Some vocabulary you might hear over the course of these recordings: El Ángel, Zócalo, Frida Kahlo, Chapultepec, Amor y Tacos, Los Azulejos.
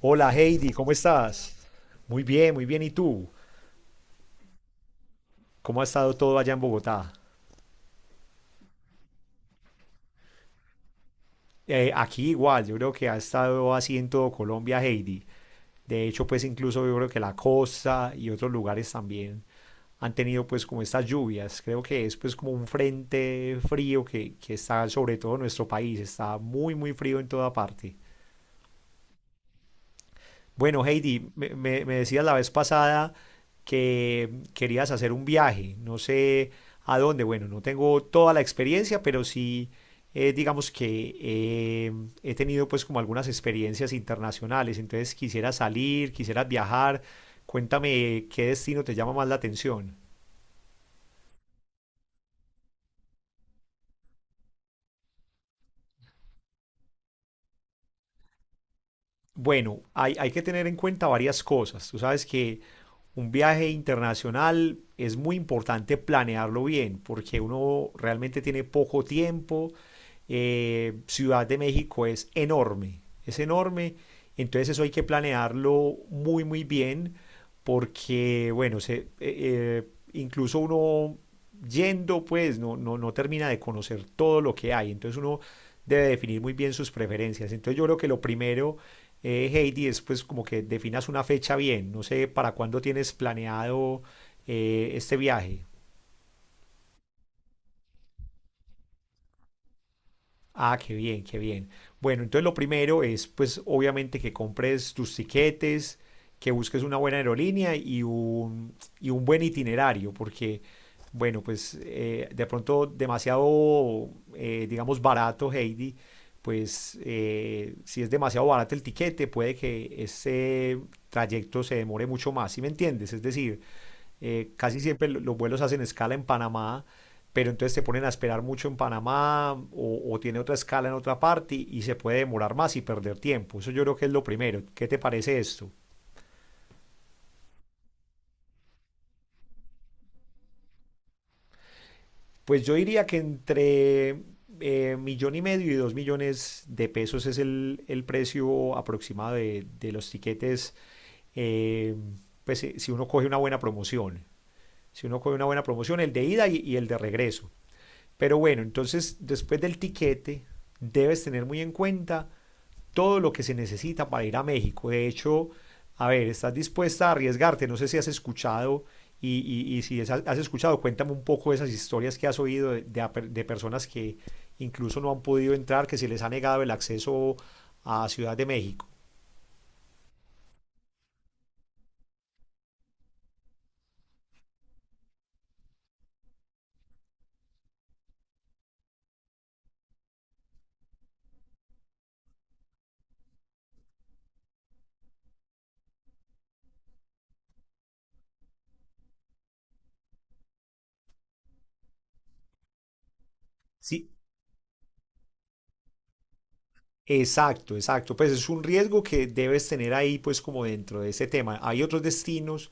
Hola Heidi, ¿cómo estás? Muy bien, muy bien. ¿Y tú? ¿Cómo ha estado todo allá en Bogotá? Aquí igual, yo creo que ha estado así en todo Colombia, Heidi. De hecho, pues incluso yo creo que la costa y otros lugares también han tenido pues como estas lluvias. Creo que es pues como un frente frío que está sobre todo en nuestro país. Está muy, muy frío en toda parte. Bueno, Heidi, me decías la vez pasada que querías hacer un viaje, no sé a dónde, bueno, no tengo toda la experiencia, pero sí, digamos que he tenido pues como algunas experiencias internacionales, entonces quisiera salir, quisiera viajar, cuéntame qué destino te llama más la atención. Bueno, hay que tener en cuenta varias cosas. Tú sabes que un viaje internacional es muy importante planearlo bien porque uno realmente tiene poco tiempo, Ciudad de México es enorme, entonces eso hay que planearlo muy, muy bien, porque, bueno, incluso uno yendo, pues, no termina de conocer todo lo que hay, entonces uno debe definir muy bien sus preferencias. Entonces yo creo que lo primero, Heidi, es pues como que definas una fecha bien. No sé para cuándo tienes planeado este viaje. Ah, qué bien, qué bien. Bueno, entonces lo primero es, pues, obviamente que compres tus tiquetes, que busques una buena aerolínea y un buen itinerario, porque, bueno, pues, de pronto demasiado, digamos, barato, Heidi, pues, si es demasiado barato el tiquete, puede que ese trayecto se demore mucho más, ¿sí me entiendes? Es decir, casi siempre los vuelos hacen escala en Panamá, pero entonces te ponen a esperar mucho en Panamá o tiene otra escala en otra parte y se puede demorar más y perder tiempo. Eso yo creo que es lo primero. ¿Qué te parece esto? Pues yo diría que entre millón y medio y 2 millones de pesos es el precio aproximado de los tiquetes, eh, pues si uno coge una buena promoción. Si uno coge una buena promoción, el de ida y el de regreso. Pero bueno, entonces después del tiquete debes tener muy en cuenta todo lo que se necesita para ir a México. De hecho, a ver, ¿estás dispuesta a arriesgarte? No sé si has escuchado y si es- has escuchado, cuéntame un poco esas historias que has oído de personas que incluso no han podido entrar, que se les ha negado el acceso a Ciudad de México. Sí. Exacto, exacto. Pues es un riesgo que debes tener ahí, pues como dentro de ese tema. Hay otros destinos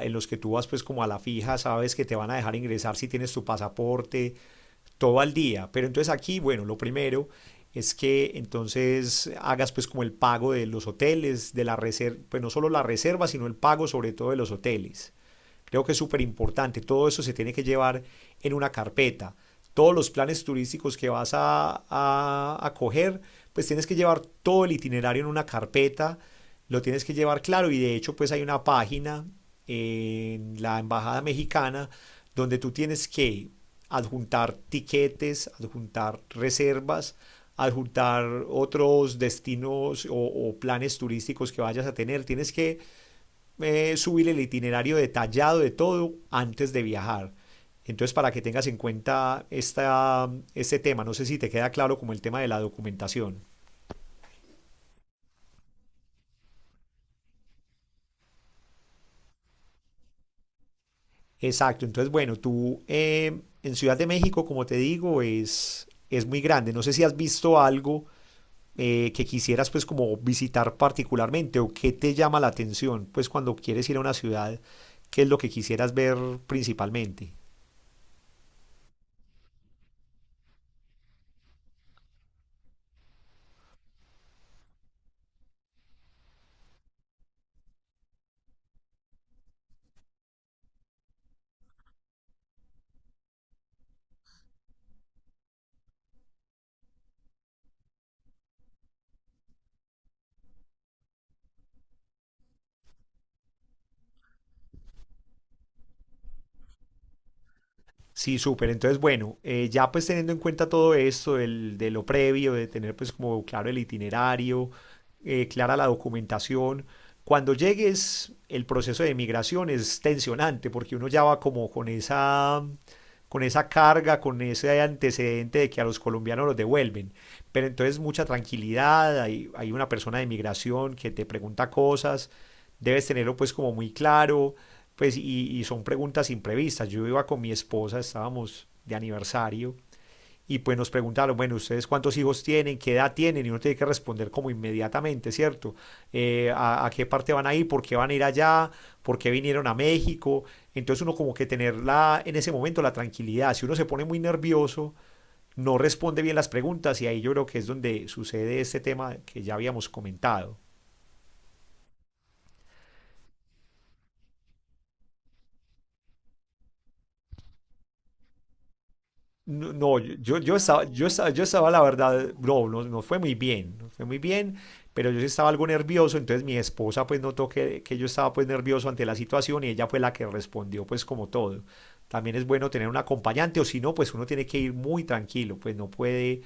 en los que tú vas pues como a la fija, sabes que te van a dejar ingresar si tienes tu pasaporte, todo al día. Pero entonces aquí, bueno, lo primero es que entonces hagas pues como el pago de los hoteles, de la reserva, pues no solo la reserva, sino el pago sobre todo de los hoteles. Creo que es súper importante. Todo eso se tiene que llevar en una carpeta. Todos los planes turísticos que vas a coger, pues tienes que llevar todo el itinerario en una carpeta. Lo tienes que llevar claro y de hecho pues hay una página en la Embajada Mexicana donde tú tienes que adjuntar tiquetes, adjuntar reservas, adjuntar otros destinos planes turísticos que vayas a tener. Tienes que subir el itinerario detallado de todo antes de viajar. Entonces, para que tengas en cuenta este tema, no sé si te queda claro como el tema de la documentación. Exacto, entonces bueno, tú en Ciudad de México, como te digo, es muy grande. No sé si has visto algo que quisieras pues como visitar particularmente o qué te llama la atención pues cuando quieres ir a una ciudad, qué es lo que quisieras ver principalmente. Sí, súper. Entonces, bueno, ya pues teniendo en cuenta todo esto de lo previo, de tener pues como claro el itinerario, clara la documentación, cuando llegues el proceso de migración es tensionante porque uno ya va como con esa carga, con ese antecedente de que a los colombianos los devuelven. Pero entonces mucha tranquilidad, hay una persona de migración que te pregunta cosas, debes tenerlo pues como muy claro pues y son preguntas imprevistas. Yo iba con mi esposa, estábamos de aniversario y pues nos preguntaron, bueno, ¿ustedes cuántos hijos tienen? ¿Qué edad tienen? Y uno tiene que responder como inmediatamente, ¿cierto? ¿A qué parte van a ir? ¿Por qué van a ir allá? ¿Por qué vinieron a México? Entonces uno como que tenerla en ese momento la tranquilidad. Si uno se pone muy nervioso, no responde bien las preguntas y ahí yo creo que es donde sucede este tema que ya habíamos comentado. No, no, yo estaba, la verdad, no fue muy bien, no fue muy bien, pero yo sí estaba algo nervioso, entonces mi esposa pues notó que yo estaba pues nervioso ante la situación y ella fue la que respondió pues como todo. También es bueno tener un acompañante o si no, pues uno tiene que ir muy tranquilo, pues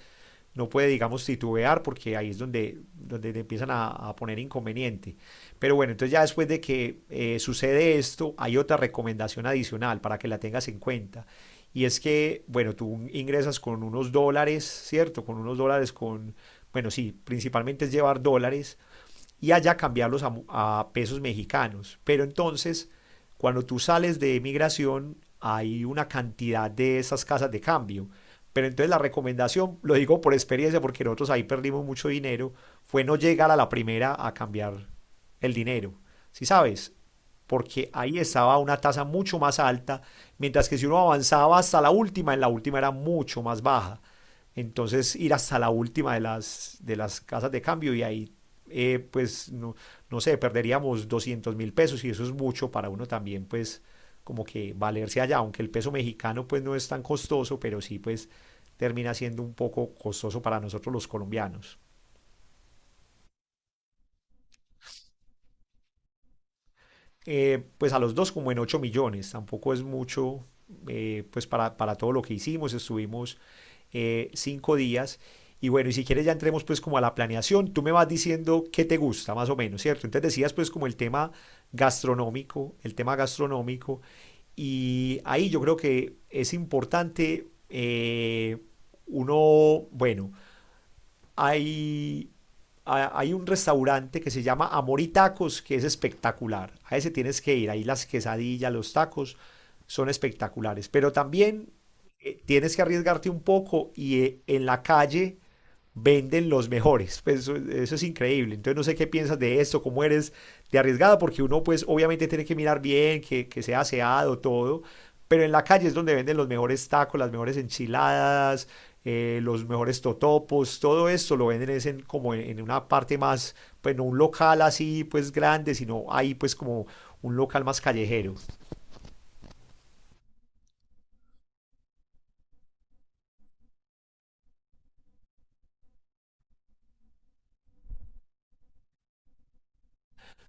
no puede, digamos, titubear porque ahí es donde, te empiezan a poner inconveniente. Pero bueno, entonces ya después de que sucede esto, hay otra recomendación adicional para que la tengas en cuenta. Y es que, bueno, tú ingresas con unos dólares, ¿cierto? Con unos dólares, con, bueno, sí, principalmente es llevar dólares y allá cambiarlos a pesos mexicanos. Pero entonces, cuando tú sales de migración, hay una cantidad de esas casas de cambio. Pero entonces la recomendación, lo digo por experiencia, porque nosotros ahí perdimos mucho dinero, fue no llegar a la primera a cambiar el dinero. Si ¿sí sabes, porque ahí estaba una tasa mucho más alta, mientras que si uno avanzaba hasta la última, en la última era mucho más baja. Entonces ir hasta la última de las casas de cambio y ahí pues no, no sé, perderíamos 200.000 pesos y eso es mucho para uno también, pues como que valerse allá, aunque el peso mexicano pues no es tan costoso, pero sí pues termina siendo un poco costoso para nosotros los colombianos. Pues a los dos como en 8 millones, tampoco es mucho, pues para, todo lo que hicimos, estuvimos 5 días. Y bueno, y si quieres ya entremos pues como a la planeación, tú me vas diciendo qué te gusta más o menos, ¿cierto? Entonces decías pues como el tema gastronómico, y ahí yo creo que es importante uno, bueno, hay, hay un restaurante que se llama Amor y Tacos, que es espectacular. A ese tienes que ir, ahí las quesadillas, los tacos son espectaculares. Pero también tienes que arriesgarte un poco y en la calle venden los mejores. Pues eso es increíble. Entonces no sé qué piensas de esto, cómo eres de arriesgada, porque uno pues obviamente tiene que mirar bien, que sea aseado, todo. Pero en la calle es donde venden los mejores tacos, las mejores enchiladas, los mejores totopos, todo esto lo venden es en, una parte más, pues no un local así pues grande, sino ahí pues como un local más callejero.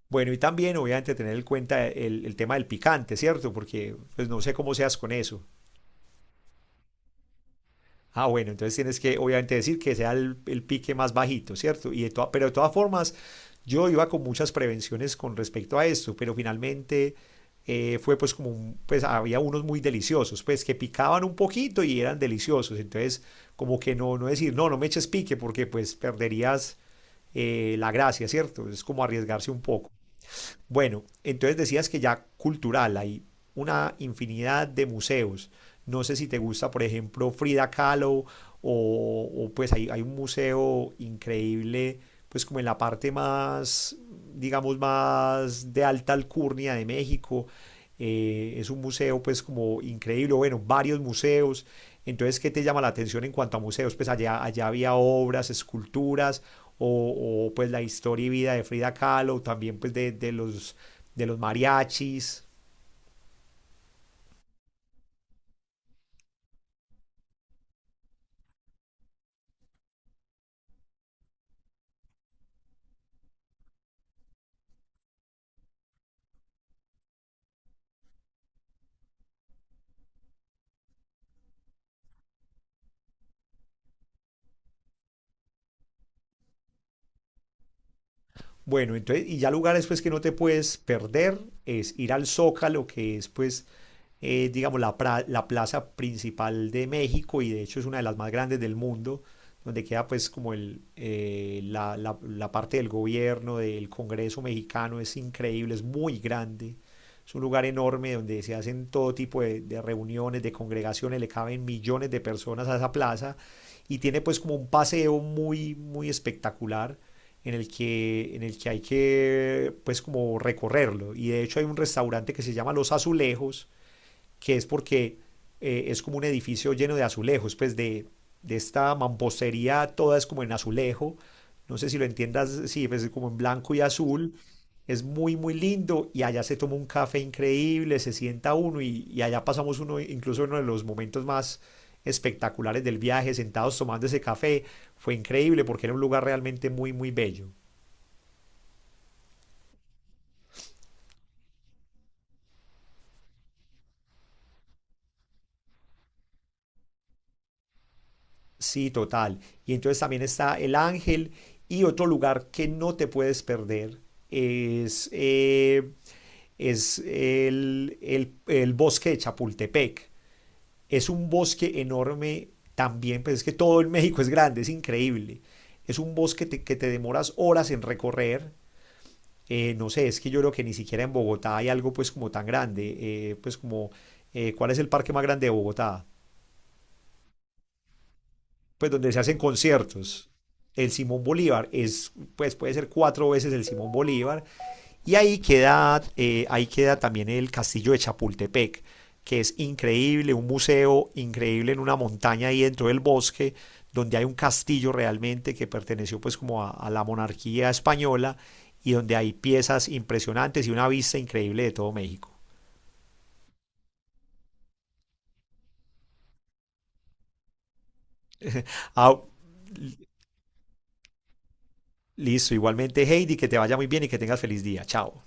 Bueno, y también obviamente tener en cuenta el tema del picante, ¿cierto? Porque pues no sé cómo seas con eso. Ah, bueno, entonces tienes que obviamente decir que sea el pique más bajito, ¿cierto? Pero de todas formas, yo iba con muchas prevenciones con respecto a esto, pero finalmente fue pues como, pues había unos muy deliciosos, pues que picaban un poquito y eran deliciosos, entonces como que no, no decir, no, no me eches pique porque pues perderías la gracia, ¿cierto? Es como arriesgarse un poco. Bueno, entonces decías que ya cultural, hay una infinidad de museos. No sé si te gusta, por ejemplo, Frida Kahlo o pues hay un museo increíble, pues como en la parte más, digamos, más de alta alcurnia de México. Es un museo pues como increíble, bueno, varios museos. Entonces, ¿qué te llama la atención en cuanto a museos? Pues allá, allá había obras, esculturas, pues la historia y vida de Frida Kahlo, también pues de los mariachis. Bueno, entonces, y ya lugares pues que no te puedes perder es ir al Zócalo, que es pues digamos, la plaza principal de México y de hecho es una de las más grandes del mundo, donde queda pues como la parte del gobierno, del Congreso mexicano, es increíble, es muy grande. Es un lugar enorme donde se hacen todo tipo de reuniones, de congregaciones, le caben millones de personas a esa plaza y tiene pues como un paseo muy, muy espectacular en el que hay que pues como recorrerlo. Y de hecho hay un restaurante que se llama Los Azulejos, que es porque es como un edificio lleno de azulejos, pues de esta mampostería, toda es como en azulejo. No sé si lo entiendas, sí, pues es como en blanco y azul. Es muy, muy lindo y allá se toma un café increíble, se sienta uno y allá pasamos uno, incluso uno de los momentos más espectaculares del viaje, sentados tomando ese café. Fue increíble porque era un lugar realmente muy, muy bello. Sí, total. Y entonces también está El Ángel y otro lugar que no te puedes perder es, el bosque de Chapultepec. Es un bosque enorme también, pues es que todo el México es grande, es increíble. Es un bosque que te demoras horas en recorrer. No sé, es que yo creo que ni siquiera en Bogotá hay algo pues como tan grande. ¿Cuál es el parque más grande de Bogotá? Pues donde se hacen conciertos. El Simón Bolívar es, pues puede ser 4 veces el Simón Bolívar. Y ahí queda también el castillo de Chapultepec, que es increíble, un museo increíble en una montaña ahí dentro del bosque, donde hay un castillo realmente que perteneció pues como a la monarquía española y donde hay piezas impresionantes y una vista increíble de todo México. Ah, listo, igualmente Heidi, que te vaya muy bien y que tengas feliz día. Chao.